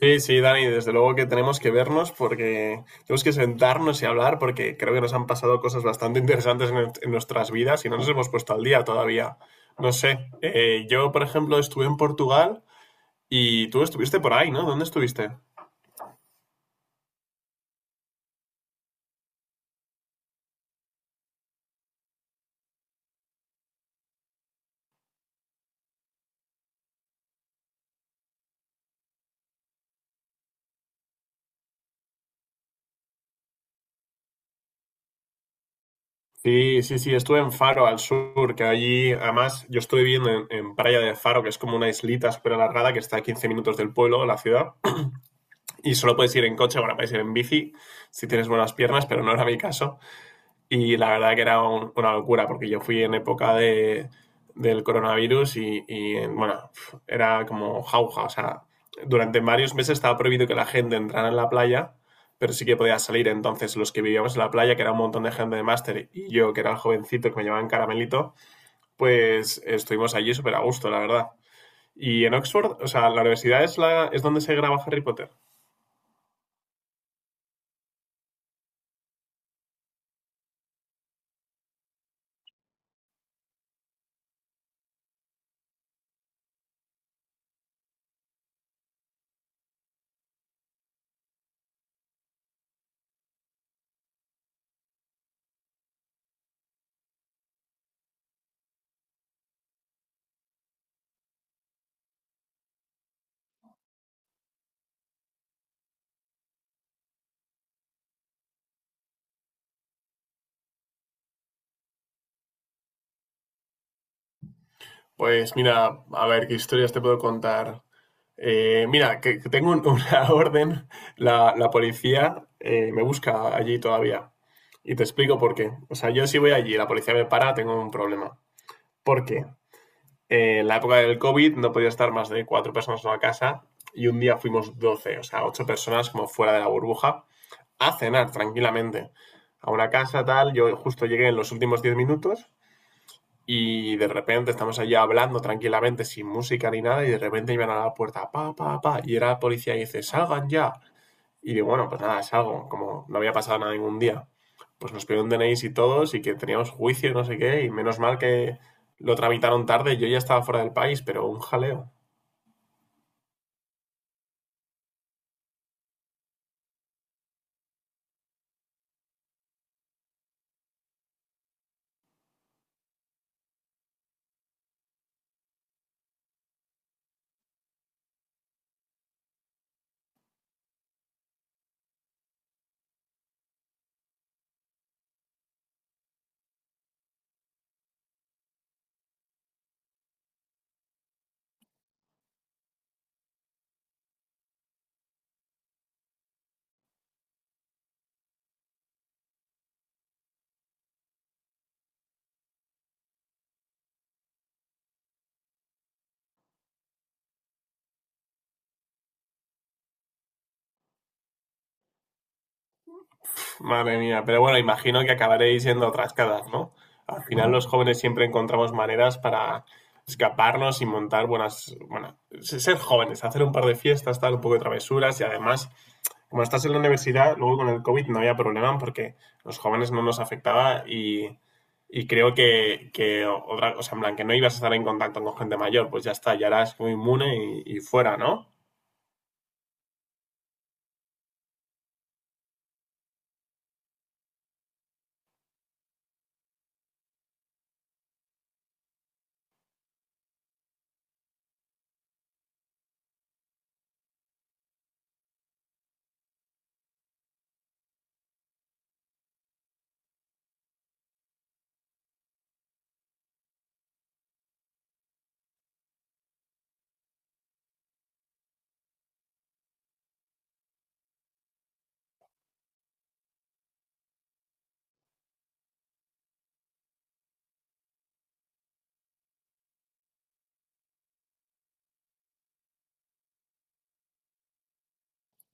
Sí, sí, Dani, desde luego que tenemos que vernos porque tenemos que sentarnos y hablar porque creo que nos han pasado cosas bastante interesantes en nuestras vidas y no nos hemos puesto al día todavía. No sé, yo por ejemplo estuve en Portugal y tú estuviste por ahí, ¿no? ¿Dónde estuviste? Sí, sí, sí, estuve en Faro, al sur, que allí, además, yo estoy viviendo en Praia de Faro, que es como una islita súper alargada que está a 15 minutos del pueblo, de la ciudad, y solo puedes ir en coche, bueno, puedes ir en bici si tienes buenas piernas, pero no era mi caso. Y la verdad que era una locura, porque yo fui en época del coronavirus y, bueno, pf, era como jauja. O sea, durante varios meses estaba prohibido que la gente entrara en la playa, pero sí que podía salir. Entonces, los que vivíamos en la playa, que era un montón de gente de máster, y yo, que era el jovencito que me llamaban Caramelito, pues estuvimos allí súper a gusto, la verdad. Y en Oxford, o sea, la universidad es, la, es donde se graba Harry Potter. Pues mira, a ver, ¿qué historias te puedo contar? Mira, que tengo una orden, la policía, me busca allí todavía. Y te explico por qué. O sea, yo si voy allí y la policía me para, tengo un problema. Porque en la época del COVID no podía estar más de 4 personas en una casa y un día fuimos 12, o sea, 8 personas como fuera de la burbuja, a cenar tranquilamente. A una casa tal, yo justo llegué en los últimos 10 minutos y de repente estamos allí hablando tranquilamente, sin música ni nada, y de repente iban a la puerta, pa, pa, pa, y era la policía y dice, salgan ya. Y digo, bueno, pues nada, salgo, como no había pasado nada ningún día. Pues nos pidieron DNIs y todos, y que teníamos juicio, no sé qué, y menos mal que lo tramitaron tarde, yo ya estaba fuera del país, pero un jaleo. Madre mía, pero bueno, imagino que acabaréis yendo a otras casas, ¿no? Al final los jóvenes siempre encontramos maneras para escaparnos y montar buenas, bueno, ser jóvenes, hacer un par de fiestas, tal, un poco de travesuras y además, como estás en la universidad, luego con el COVID no había problema porque los jóvenes no nos afectaba y creo que, otra, o sea, en plan, que no ibas a estar en contacto con gente mayor, pues ya está, ya eras muy inmune y fuera, ¿no?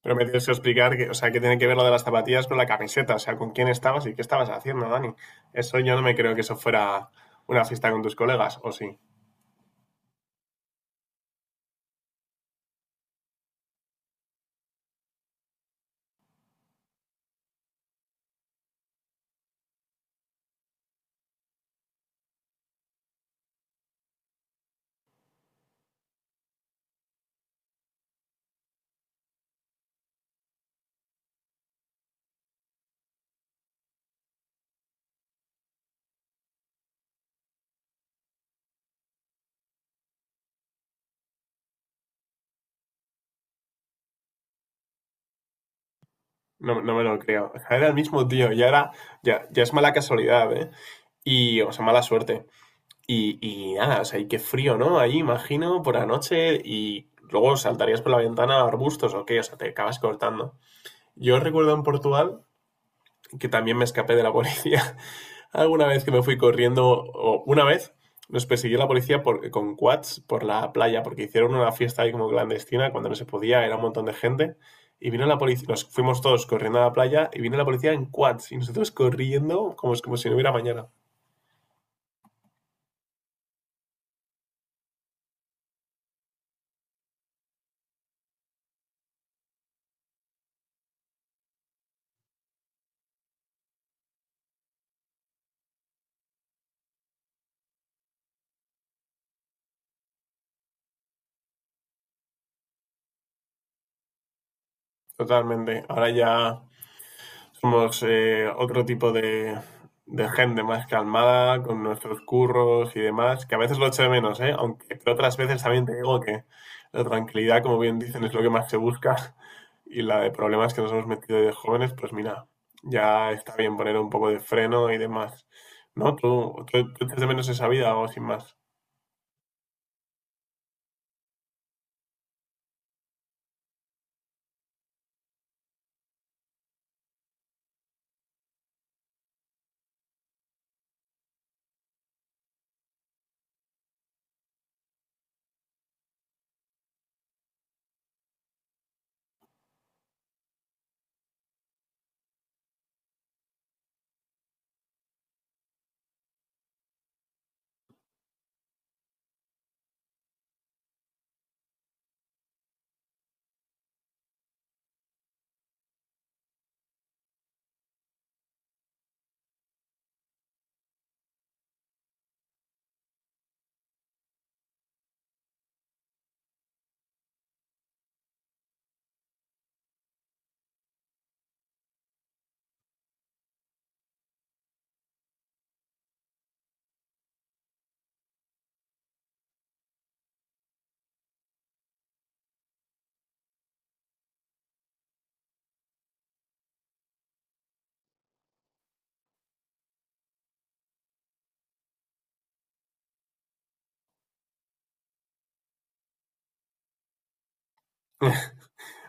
Pero me tienes que explicar que, o sea, que tiene que ver lo de las zapatillas con la camiseta, o sea, con quién estabas y qué estabas haciendo, Dani. Eso yo no me creo que eso fuera una fiesta con tus colegas, ¿o sí? No, no me lo creo. O sea, era el mismo tío, ya era, ya, ya es mala casualidad, ¿eh? Y, o sea, mala suerte. Y nada, o sea, y qué frío, ¿no? Ahí, imagino, por la noche y luego saltarías por la ventana a arbustos o qué, o sea, te acabas cortando. Yo recuerdo en Portugal que también me escapé de la policía. Alguna vez que me fui corriendo, o una vez nos persiguió la policía con quads por la playa, porque hicieron una fiesta ahí como clandestina, cuando no se podía, era un montón de gente. Y vino la policía, nos fuimos todos corriendo a la playa y vino la policía en quads y nosotros corriendo como, como si no hubiera mañana. Totalmente. Ahora ya somos, otro tipo de gente más calmada, con nuestros curros y demás, que a veces lo echo de menos, ¿eh? Aunque pero otras veces también te digo que la tranquilidad, como bien dicen, es lo que más se busca. Y la de problemas que nos hemos metido de jóvenes, pues mira, ya está bien poner un poco de freno y demás. ¿No? Tú echas de menos esa vida o sin más.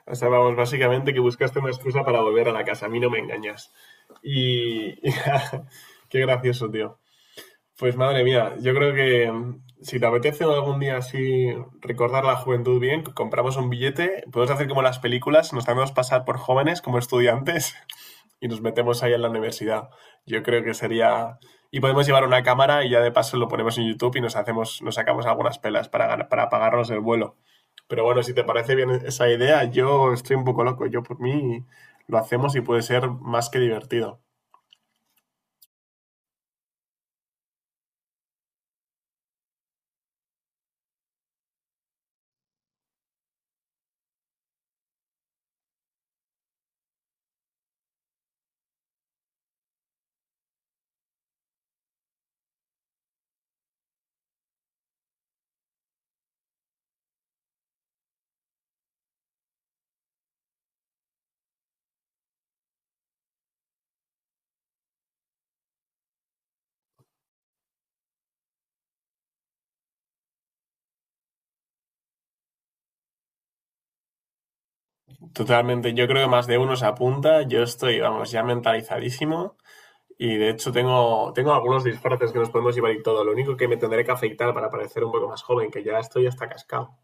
O sea, vamos, básicamente que buscaste una excusa para volver a la casa. A mí no me engañas. Y. Qué gracioso, tío. Pues madre mía, yo creo que si te apetece algún día así recordar la juventud bien, compramos un billete, podemos hacer como las películas, nos hacemos pasar por jóvenes como estudiantes y nos metemos ahí en la universidad. Yo creo que sería... Y podemos llevar una cámara y ya de paso lo ponemos en YouTube y nos hacemos, nos sacamos algunas pelas para, para pagarnos el vuelo. Pero bueno, si te parece bien esa idea, yo estoy un poco loco. Yo por mí lo hacemos y puede ser más que divertido. Totalmente, yo creo que más de uno se apunta, yo estoy, vamos, ya mentalizadísimo y de hecho tengo algunos disfraces que nos podemos llevar y todo, lo único que me tendré que afeitar para parecer un poco más joven, que ya estoy hasta cascado.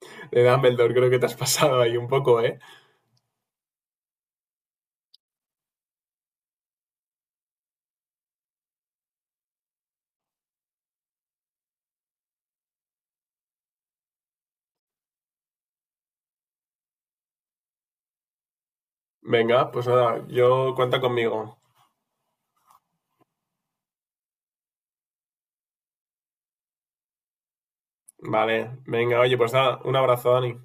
De Dumbledore creo que te has pasado ahí un poco, ¿eh? Venga, pues nada, yo cuenta conmigo. Vale, venga, oye, pues nada, un abrazo, Dani.